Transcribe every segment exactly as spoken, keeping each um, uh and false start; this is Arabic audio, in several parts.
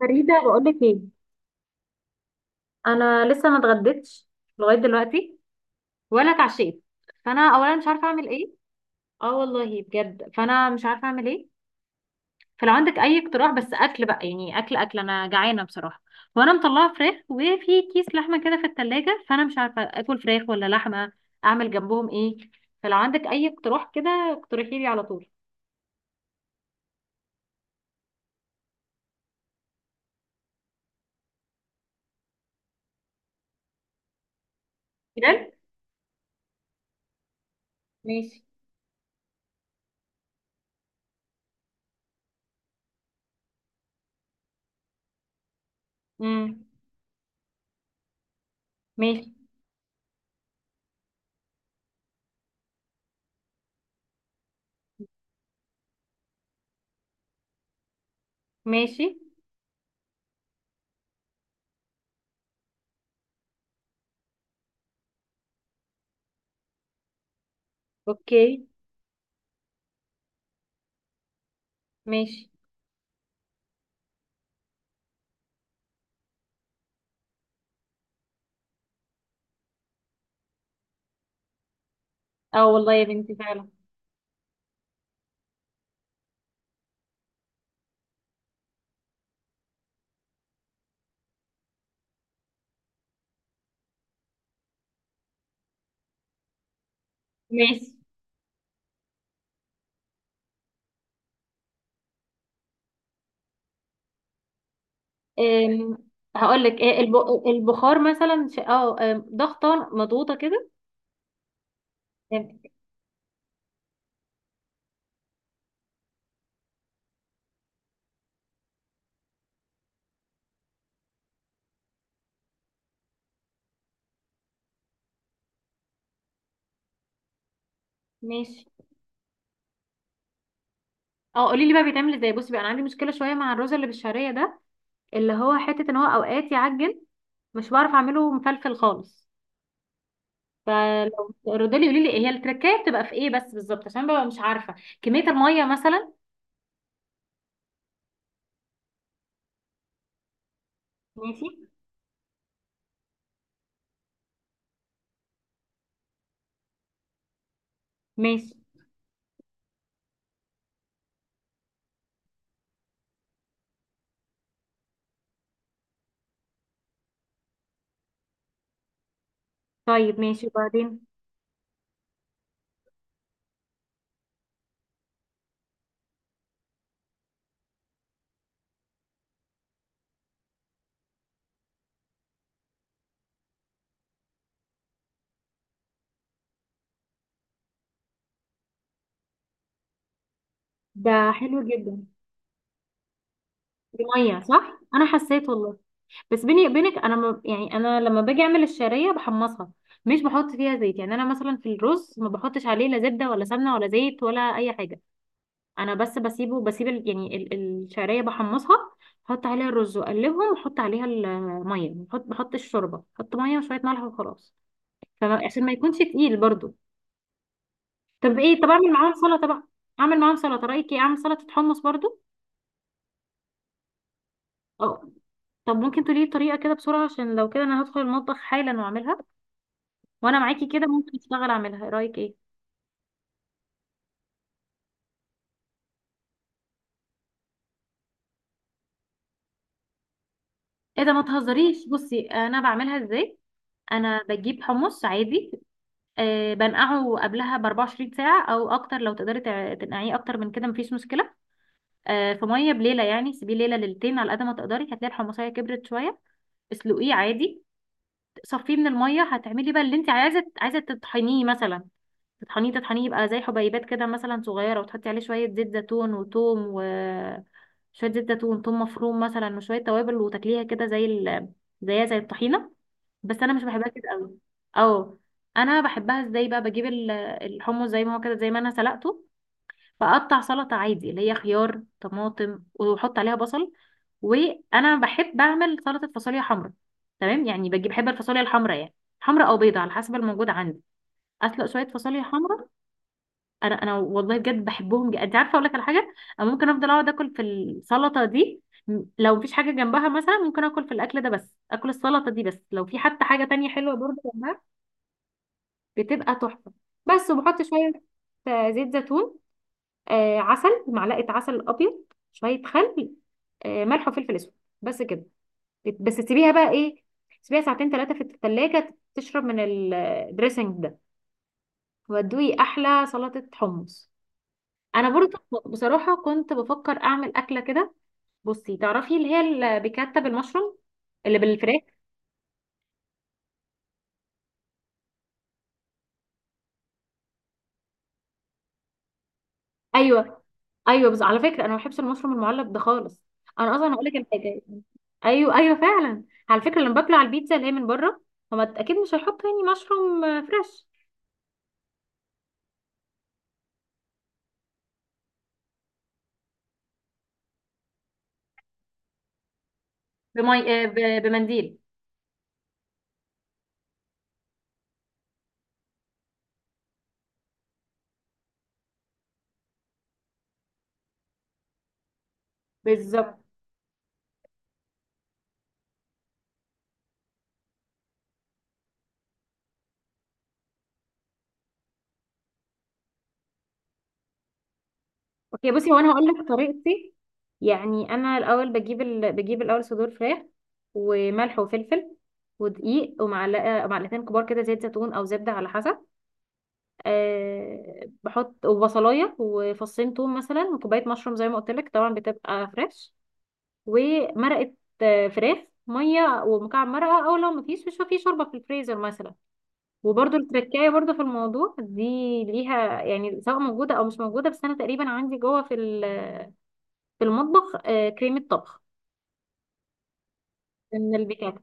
فريدة بقولك ايه؟ انا لسه ما اتغديتش لغاية دلوقتي ولا اتعشيت، فانا اولا مش عارفة اعمل ايه. اه والله بجد، فانا مش عارفة اعمل ايه. فلو عندك اي اقتراح بس اكل بقى، يعني اكل اكل انا جعانة بصراحة. وانا مطلعة فراخ وفي كيس لحمة كده في التلاجة، فانا مش عارفة اكل فراخ ولا لحمة، اعمل جنبهم ايه؟ فلو عندك اي اقتراح كده اقترحي لي على طول. بجد. ماشي. امم. ماشي. ماشي. اوكي. ماشي. اه والله يا بنتي فعلا. ماشي. هقول لك ايه، الب- البخار مثلا، ش- اه آم، ضغطه مضغوطه كده. آم، ماشي. اه قولي لي بقى بيتعمل ازاي. بصي بقى، انا عندي مشكله شويه مع الرز اللي بالشعريه ده، اللي هو حته ان هو اوقات يعجن، مش بعرف اعمله مفلفل خالص. فلو ردي لي قولي لي هي التركايه بتبقى في ايه بس بالظبط، عشان ببقى مش عارفه كميه الميه مثلا. ماشي. ماشي. طيب ماشي، وبعدين؟ ده حلو جدا. دي ميه صح، انا حسيت والله. بس بيني وبينك، انا ما يعني، انا لما باجي اعمل الشعريه بحمصها، مش بحط فيها زيت. يعني انا مثلا في الرز ما بحطش عليه لا زبده ولا سمنه ولا زيت ولا اي حاجه. انا بس بسيبه، بسيب ال- يعني ال- الشعريه بحمصها، بحط عليها الرز واقلبهم واحط عليها الميه، بحط بحط الشوربه، بحط ميه وشويه ملح وخلاص. فما- عشان ما يكونش تقيل برضو. طب ايه، طب اعمل معاهم سلطه بقى؟ اعمل معاهم سلطه، رايك ايه؟ اعمل سلطه حمص برضو؟ اه. طب ممكن تقولي لي طريقه كده بسرعه، عشان لو كده انا هدخل المطبخ حالا واعملها، وانا معاكي كده ممكن اشتغل اعملها. ايه رايك، ايه؟ ايه ده، ما تهزريش. بصي انا بعملها ازاي. انا بجيب حمص عادي، أه بنقعه قبلها ب أربع وعشرين ساعه او اكتر. لو تقدري تع- تنقعيه اكتر من كده مفيش مشكله. أه في ميه بليله، يعني سيبيه ليله ليلتين على قد ما تقدري، هتلاقي الحمصيه كبرت شويه. اسلقيه عادي، صفيه من الميه. هتعملي بقى اللي انت عايزه. عايزه تطحنيه مثلا، تطحنيه تطحنيه يبقى زي حبيبات كده مثلا صغيرة، وتحطي عليه شوية زيت زيتون وتوم، و شوية زيت زيتون، توم مفروم مثلا، وشوية توابل، وتاكليها كده زي ال... زيها زي الطحينة، بس أنا مش بحبها كده قوي. أو أنا بحبها ازاي بقى؟ بجيب ال- الحمص زي ما هو كده، زي ما أنا سلقته، بقطع سلطة عادي اللي هي خيار طماطم، وأحط عليها بصل. وأنا بحب أعمل سلطة فاصوليا حمرا، تمام؟ يعني بجيب، بحب الفاصوليا الحمرا يعني، حمرا أو بيضة على حسب الموجود عندي. أسلق شوية فاصوليا حمرا. انا انا والله بجد بحبهم جدا. انت عارفه اقول لك على حاجه، انا ممكن افضل اقعد اكل في السلطه دي. م- لو مفيش حاجه جنبها مثلا ممكن اكل في الاكل ده بس، اكل السلطه دي بس. لو في حتى حاجه تانية حلوه برضه جنبها، بتبقى تحفه. بس وبحط شويه آه، زيت زيتون، آه عسل، معلقه عسل ابيض، شويه خل، آه ملح وفلفل اسود، بس كده. بت- بس تسيبيها بقى ايه، تسيبيها ساعتين ثلاثه في الثلاجه تشرب من الدريسنج ده، وادوي احلى سلطه حمص. انا برضه بصراحه كنت بفكر اعمل اكله كده. بصي تعرفي اللي هي اللي بيكتب المشروم، اللي بالفراخ؟ ايوه. ايوه، بس على فكره انا ما بحبش المشروم المعلب ده خالص. انا اصلا هقول لك الحاجه. ايوه ايوه فعلا. على فكره لما باكله على البيتزا اللي هي من بره، هما اكيد مش هيحطوا يعني مشروم آه، فريش. بمي... آه، ب- بمنديل. بالظبط. اوكي، بصي هو انا هقول لك طريقتي. يعني انا الاول بجيب ال... بجيب الاول صدور فراخ، وملح وفلفل ودقيق، ومعلقه معلقتين كبار كده زيت زيتون او زبده على حسب. أه بحط وبصلايه وفصين توم مثلا، وكوبايه مشروم زي ما قلت لك طبعا بتبقى فريش، ومرقه آه، فراخ، ميه ومكعب مرقه، او لو مفيش، مش في شوربه في الفريزر مثلا. وبرده التركايه برده في الموضوع دي ليها يعني، سواء موجوده او مش موجوده. بس انا تقريبا عندي جوه في ال، في المطبخ آه، كريمة طبخ من البيكات،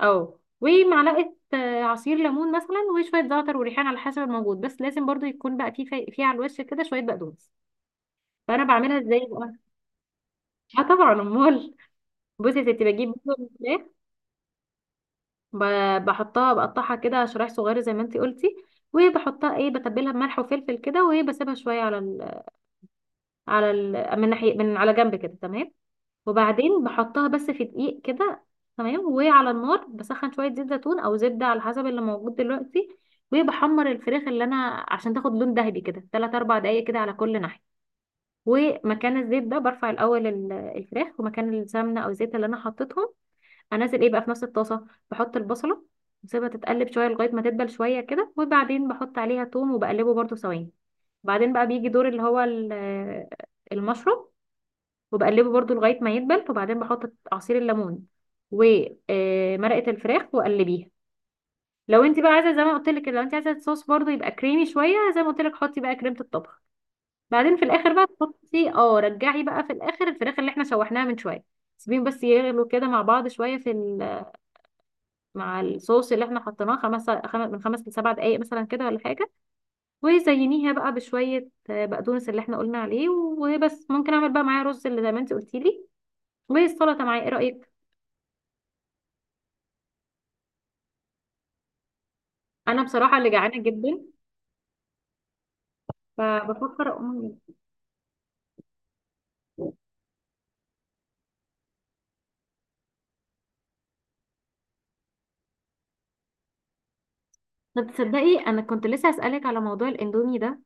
أو ومعلقة آه، عصير ليمون مثلا، وشوية زعتر وريحان على حسب الموجود. بس لازم برضو يكون بقى فيه، في في على الوش كده شوية بقدونس. فأنا بعملها ازاي بقى؟ اه طبعا أمال. بصي يا ستي، بجيب بصل الفراخ، ب- بحطها، بقطعها كده شرايح صغيرة زي ما انتي قلتي، وبحطها، ايه، بتبلها بملح وفلفل كده، وبسيبها شوية على ال، على ال، من ناحية من على جنب كده، تمام. وبعدين بحطها بس في دقيق كده، تمام. وعلى النار بسخن شوية زيت زيتون أو زبدة على حسب اللي موجود دلوقتي، وبحمر الفراخ اللي أنا، عشان تاخد لون ذهبي كده، تلات أربع دقايق كده على كل ناحية. ومكان الزيت ده برفع الأول ال- الفراخ، ومكان السمنة أو الزيت اللي أنا حطيتهم أنزل إيه بقى في نفس الطاسة، بحط البصلة وسيبها تتقلب شوية لغاية ما تدبل شوية كده. وبعدين بحط عليها توم، وبقلبه برضو ثواني. بعدين بقى بيجي دور اللي هو ال- المشروم، وبقلبه برضو لغاية ما يدبل. وبعدين بحط عصير الليمون ومرقة الفراخ وقلبيها. لو انت بقى عايزة، زي ما قلت لك، لو انت عايزة صوص برضو يبقى كريمي شوية، زي ما قلت لك حطي بقى كريمة الطبخ. بعدين في الاخر بقى تحطي، اه رجعي بقى في الاخر الفراخ اللي احنا شوحناها من شوية. سيبيهم بس يغلوا كده مع بعض شوية في ال- مع الصوص اللي احنا حطيناه، خمس خم- من خمس لسبع دقايق مثلا كده ولا حاجة. وزينيها بقى بشوية آه، بقدونس اللي احنا قلنا عليه وبس. ممكن اعمل بقى معايا رز اللي زي ما انت قلتي لي، والسلطة معايا، ايه رأيك؟ انا بصراحه اللي جعانه جدا، فبفكر اقوم أجيب. طب تصدقي انا كنت لسه اسالك على موضوع الاندومي ده.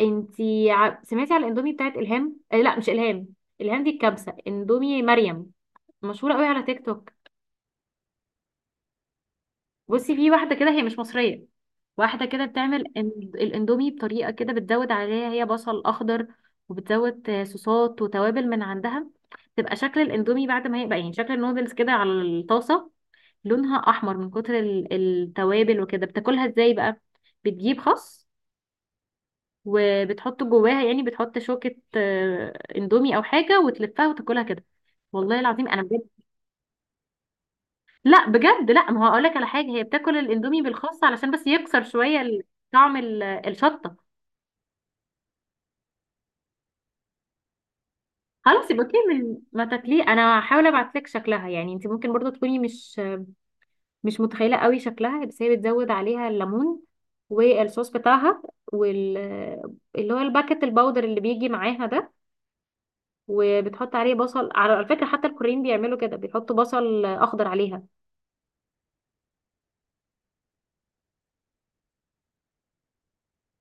انتي ع- سمعتي على الاندومي بتاعت الهام، آه لا مش الهام، الهام دي الكبسه، اندومي مريم، مشهوره قوي على تيك توك. بصي في واحده كده هي مش مصريه، واحده كده بتعمل إن- الاندومي بطريقه كده، بتزود عليها هي بصل اخضر، وبتزود آه، صوصات وتوابل من عندها. تبقى شكل الاندومي بعد ما هيبقى، يعني شكل النودلز كده على الطاسه، لونها احمر من كتر ال- التوابل وكده. بتاكلها ازاي بقى؟ بتجيب خس، وبتحط جواها، يعني بتحط شوكة آه، اندومي او حاجة، وتلفها وتاكلها كده. والله العظيم انا بجد. لا بجد، لا، ما هو هقول لك على حاجة، هي بتاكل الاندومي بالخس علشان بس يكسر شوية ال- طعم ال- الشطة. خلاص يبقى كده، من ما تاكليه انا هحاول ابعت لك شكلها. يعني انت ممكن برضو تكوني مش مش متخيله قوي شكلها، بس هي بتزود عليها الليمون، والصوص بتاعها، وال، اللي هو الباكت الباودر اللي بيجي معاها ده. وبتحط عليه بصل، على فكره حتى الكوريين بيعملوا كده، بيحطوا بصل اخضر عليها.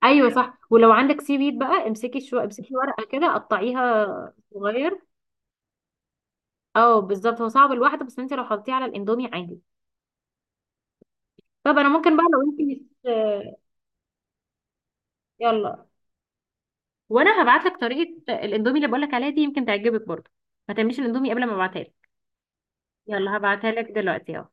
ايوه صح، ولو عندك سي ويد بقى، امسكي شو، امسكي ورقه كده قطعيها صغير. اه بالظبط، هو صعب لوحده، بس انت لو حطيتيه على الاندومي عادي. طب انا ممكن بقى، لو انت مش، يلا. وانا هبعت لك طريقه الاندومي اللي بقول لك عليها دي، يمكن تعجبك برضه. ما تعمليش الاندومي قبل ما ابعتها. يلا هبعتها لك دلوقتي اهو.